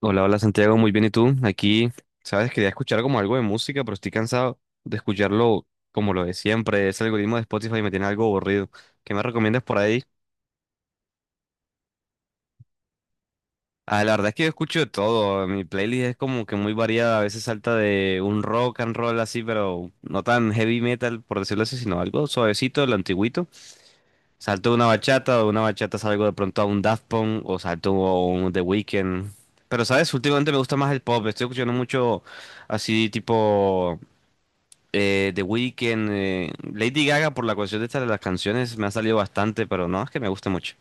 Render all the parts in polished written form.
Hola, hola Santiago, muy bien. ¿Y tú? Aquí, sabes, quería escuchar como algo de música, pero estoy cansado de escucharlo como lo de siempre. Ese algoritmo de Spotify me tiene algo aburrido. ¿Qué me recomiendas por ahí? Ah, la verdad es que yo escucho de todo. Mi playlist es como que muy variada. A veces salta de un rock and roll así, pero no tan heavy metal, por decirlo así, sino algo suavecito, lo antiguito. Salto de una bachata, salgo de pronto a un Daft Punk o salto a un The Weeknd. Pero, ¿sabes? Últimamente me gusta más el pop. Estoy escuchando mucho así tipo... The Weeknd, Lady Gaga por la cuestión de esta de las canciones me ha salido bastante, pero no, es que me guste mucho.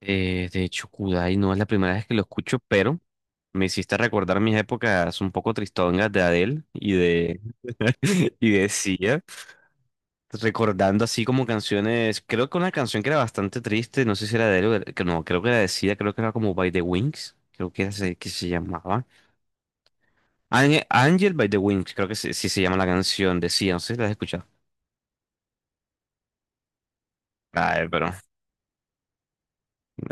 De hecho, Kudai no es la primera vez que lo escucho, pero me hiciste recordar mis épocas un poco tristongas de Adele y de, y de Sia, recordando así como canciones, creo que una canción que era bastante triste, no sé si era de Adele, que no, creo que era de Sia, creo que era como By the Wings, creo que, que se llamaba. Ángel Angel by the Wings, creo que sí, sí se llama la canción de Sia, no sé si la has escuchado. Ay, pero...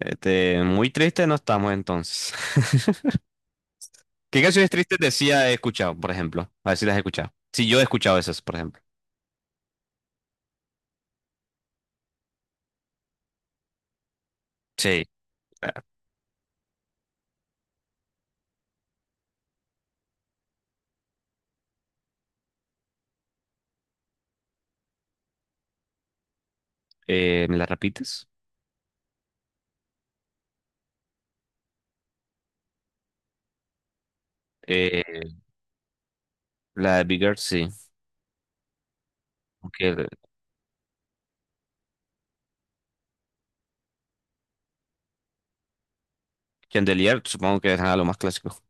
Este, muy triste no estamos entonces. ¿Qué canciones tristes decía he escuchado, por ejemplo? A ver si las he escuchado. Si yo he escuchado esas, por ejemplo. Sí, claro. ¿Me las repites? Eh, la de Bigger, sí. Aunque Chandelier, supongo que es lo más clásico.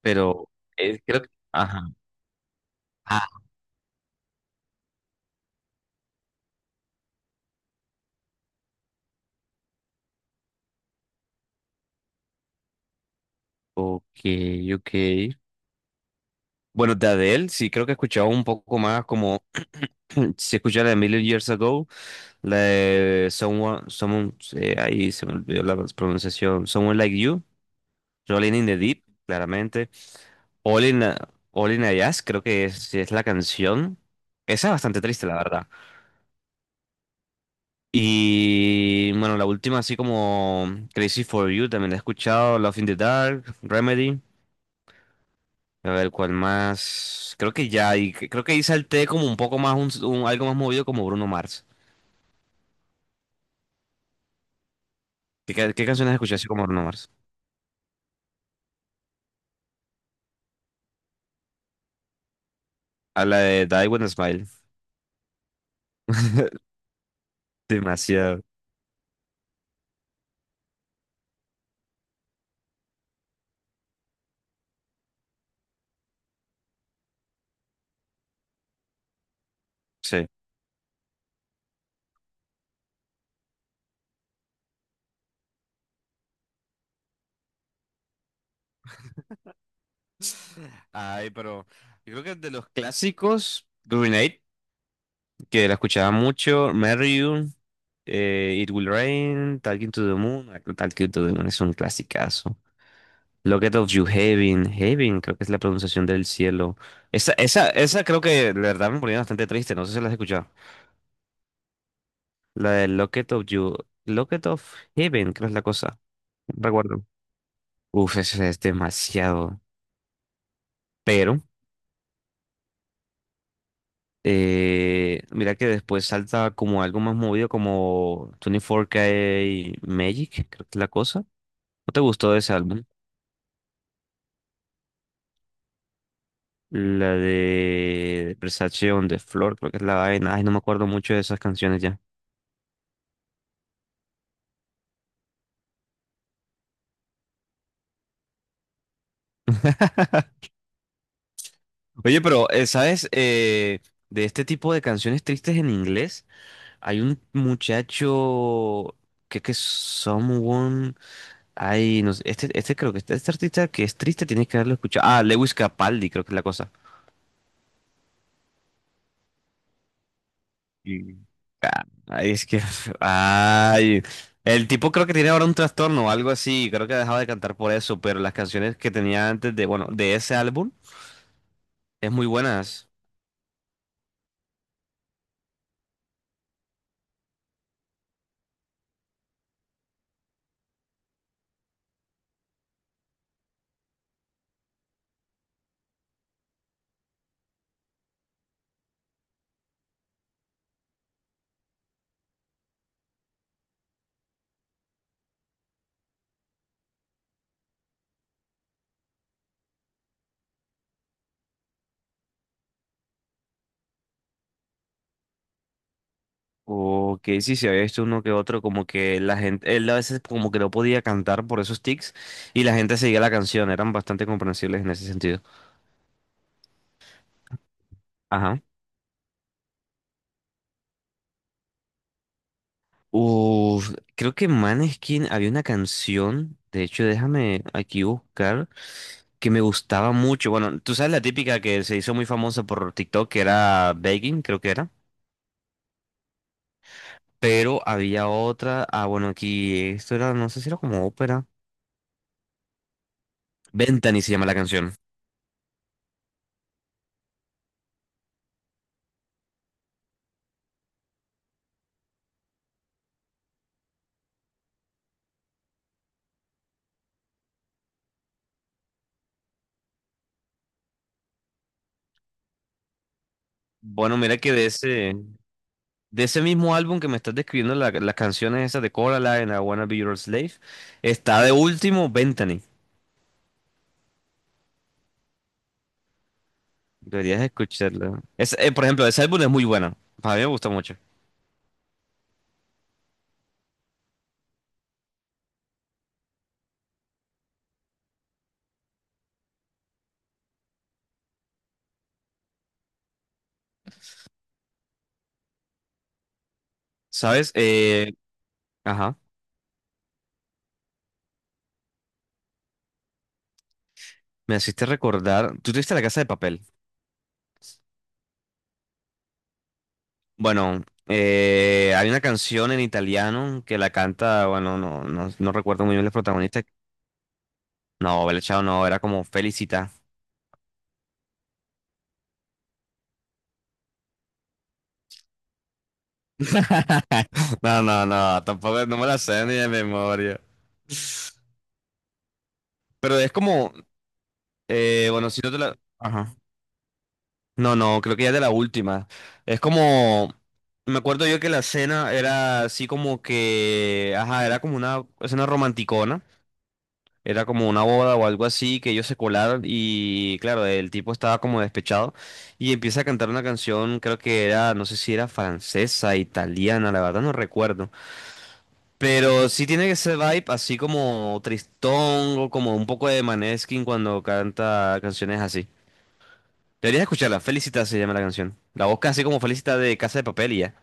Pero creo que... Ajá. Ah, ok, ok. Bueno, de Adele, sí, creo que he escuchado un poco más como... Si escuché la de Million Years Ago, la de Someone ahí se me olvidó la pronunciación. Someone Like You. Rolling in the Deep, claramente. All in, All in a Jazz, creo que es, sí es la canción. Esa es bastante triste, la verdad. Y bueno, la última, así como Crazy for You, también la he escuchado. Love in the Dark, Remedy. A ver, ¿cuál más? Creo que ya, creo que ahí salté como un poco más, algo más movido como Bruno Mars. ¿Qué canciones escuché así como Bruno Mars? A la de Die With a Smile. Demasiado, sí. Ay, pero yo creo que de los clásicos, Green que la escuchaba mucho, Marry You, It Will Rain, Talking to the Moon, Talking to the Moon es un clasicazo. Locket of You Heaven, Heaven creo que es la pronunciación del cielo. Esa creo que la verdad me ponía bastante triste, no sé si la has escuchado. La de Locket of You, Locket of Heaven creo es la cosa, no recuerdo. Uf, eso es demasiado. Pero, mira que después salta como algo más movido como 24K Magic, creo que es la cosa. ¿No te gustó de ese álbum? La de Versace on the Floor, creo que es la vaina. Ay, no me acuerdo mucho de esas canciones ya. Oye, pero, ¿sabes? De este tipo de canciones tristes en inglés, hay un muchacho que es Someone. Ay, no sé. Este creo que este artista que es triste tienes que haberlo escuchado. Ah, Lewis Capaldi, creo que es la cosa. Y- ah, ay, es que, ay, el tipo creo que tiene ahora un trastorno o algo así, creo que ha dejado de cantar por eso, pero las canciones que tenía antes de, bueno, de ese álbum, es muy buenas. O que sí, se había visto uno que otro, como que la gente, él a veces como que no podía cantar por esos tics y la gente seguía la canción, eran bastante comprensibles en ese sentido. Ajá. Uf, creo que Maneskin había una canción, de hecho, déjame aquí buscar, que me gustaba mucho. Bueno, tú sabes la típica que se hizo muy famosa por TikTok, que era Begging, creo que era. Pero había otra, ah, bueno, aquí, esto era, no sé si era como ópera. Ventani se llama la canción. Bueno, mira que de ese mismo álbum que me estás describiendo, las canciones esas de Coraline, I Wanna Be Your Slave, está de último Ventani. Deberías escucharlo. Es, por ejemplo, ese álbum es muy bueno. A mí me gustó mucho. ¿Sabes? Ajá. Me hiciste recordar. Tú tuviste La Casa de Papel. Bueno, hay una canción en italiano que la canta. Bueno, no, no, no recuerdo muy bien el protagonista. No, Bella Ciao no, era como Felicita. No, no, no, tampoco no me la sé ni de memoria. Pero es como. Bueno, si no te la. Ajá. No, no, creo que ya es de la última. Es como, me acuerdo yo que la escena era así como que, ajá, era como una escena romanticona, era como una boda o algo así, que ellos se colaron y claro, el tipo estaba como despechado y empieza a cantar una canción, creo que era, no sé si era francesa, italiana, la verdad no recuerdo, pero sí tiene ese vibe así como tristón o como un poco de Maneskin cuando canta canciones así. Deberías escucharla. Felicita se llama la canción. La buscas así como Felicita de Casa de Papel y ya.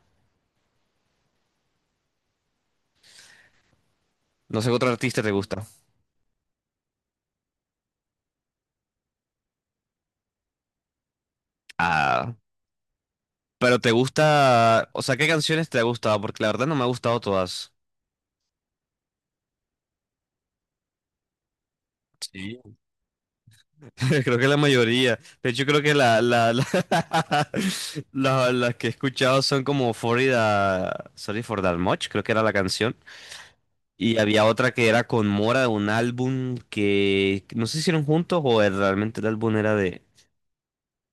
No sé qué otro artista te gusta. Ah, pero te gusta. O sea, ¿qué canciones te ha gustado? Porque la verdad no me ha gustado todas. Sí. Creo que la mayoría. De hecho, creo que las que he escuchado son como Sorry for That Much, creo que era la canción. Y había otra que era con Mora de un álbum que no sé si hicieron juntos realmente el álbum era de,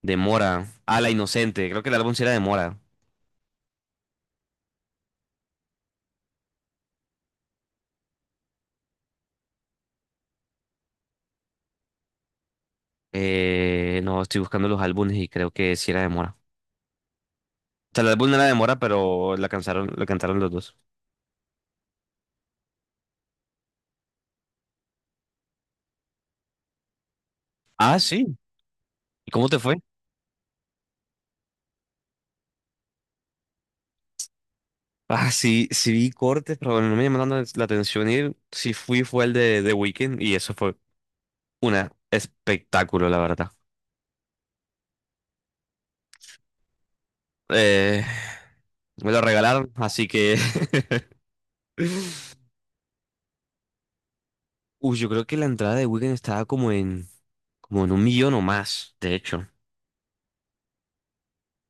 de Mora. Ah, La Inocente, creo que el álbum sí era de Mora. No, estoy buscando los álbumes y creo que sí era de Mora. O sea, el álbum no era de Mora, pero la cantaron los dos. Ah, sí. ¿Y cómo te fue? Ah, sí, sí vi cortes, pero no me llamó tanto la atención ir. Sí fui fue el de The Weeknd y eso fue un espectáculo, la verdad. Eh, Me lo regalaron, así que... Uy, yo creo que la entrada de Weekend estaba como en 1 millón o más, de hecho.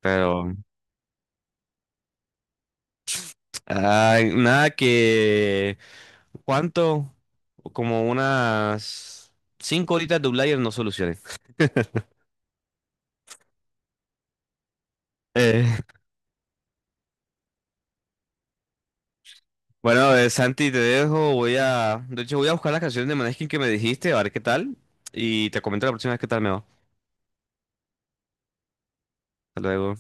Pero. Ay, nada que... ¿Cuánto? Como unas 5 horitas de Outlier no solucioné. Eh, bueno, Santi, te dejo. Voy a... De hecho, voy a buscar las canciones de Maneskin que me dijiste, a ver qué tal. Y te comento la próxima vez qué tal me va. Hasta luego.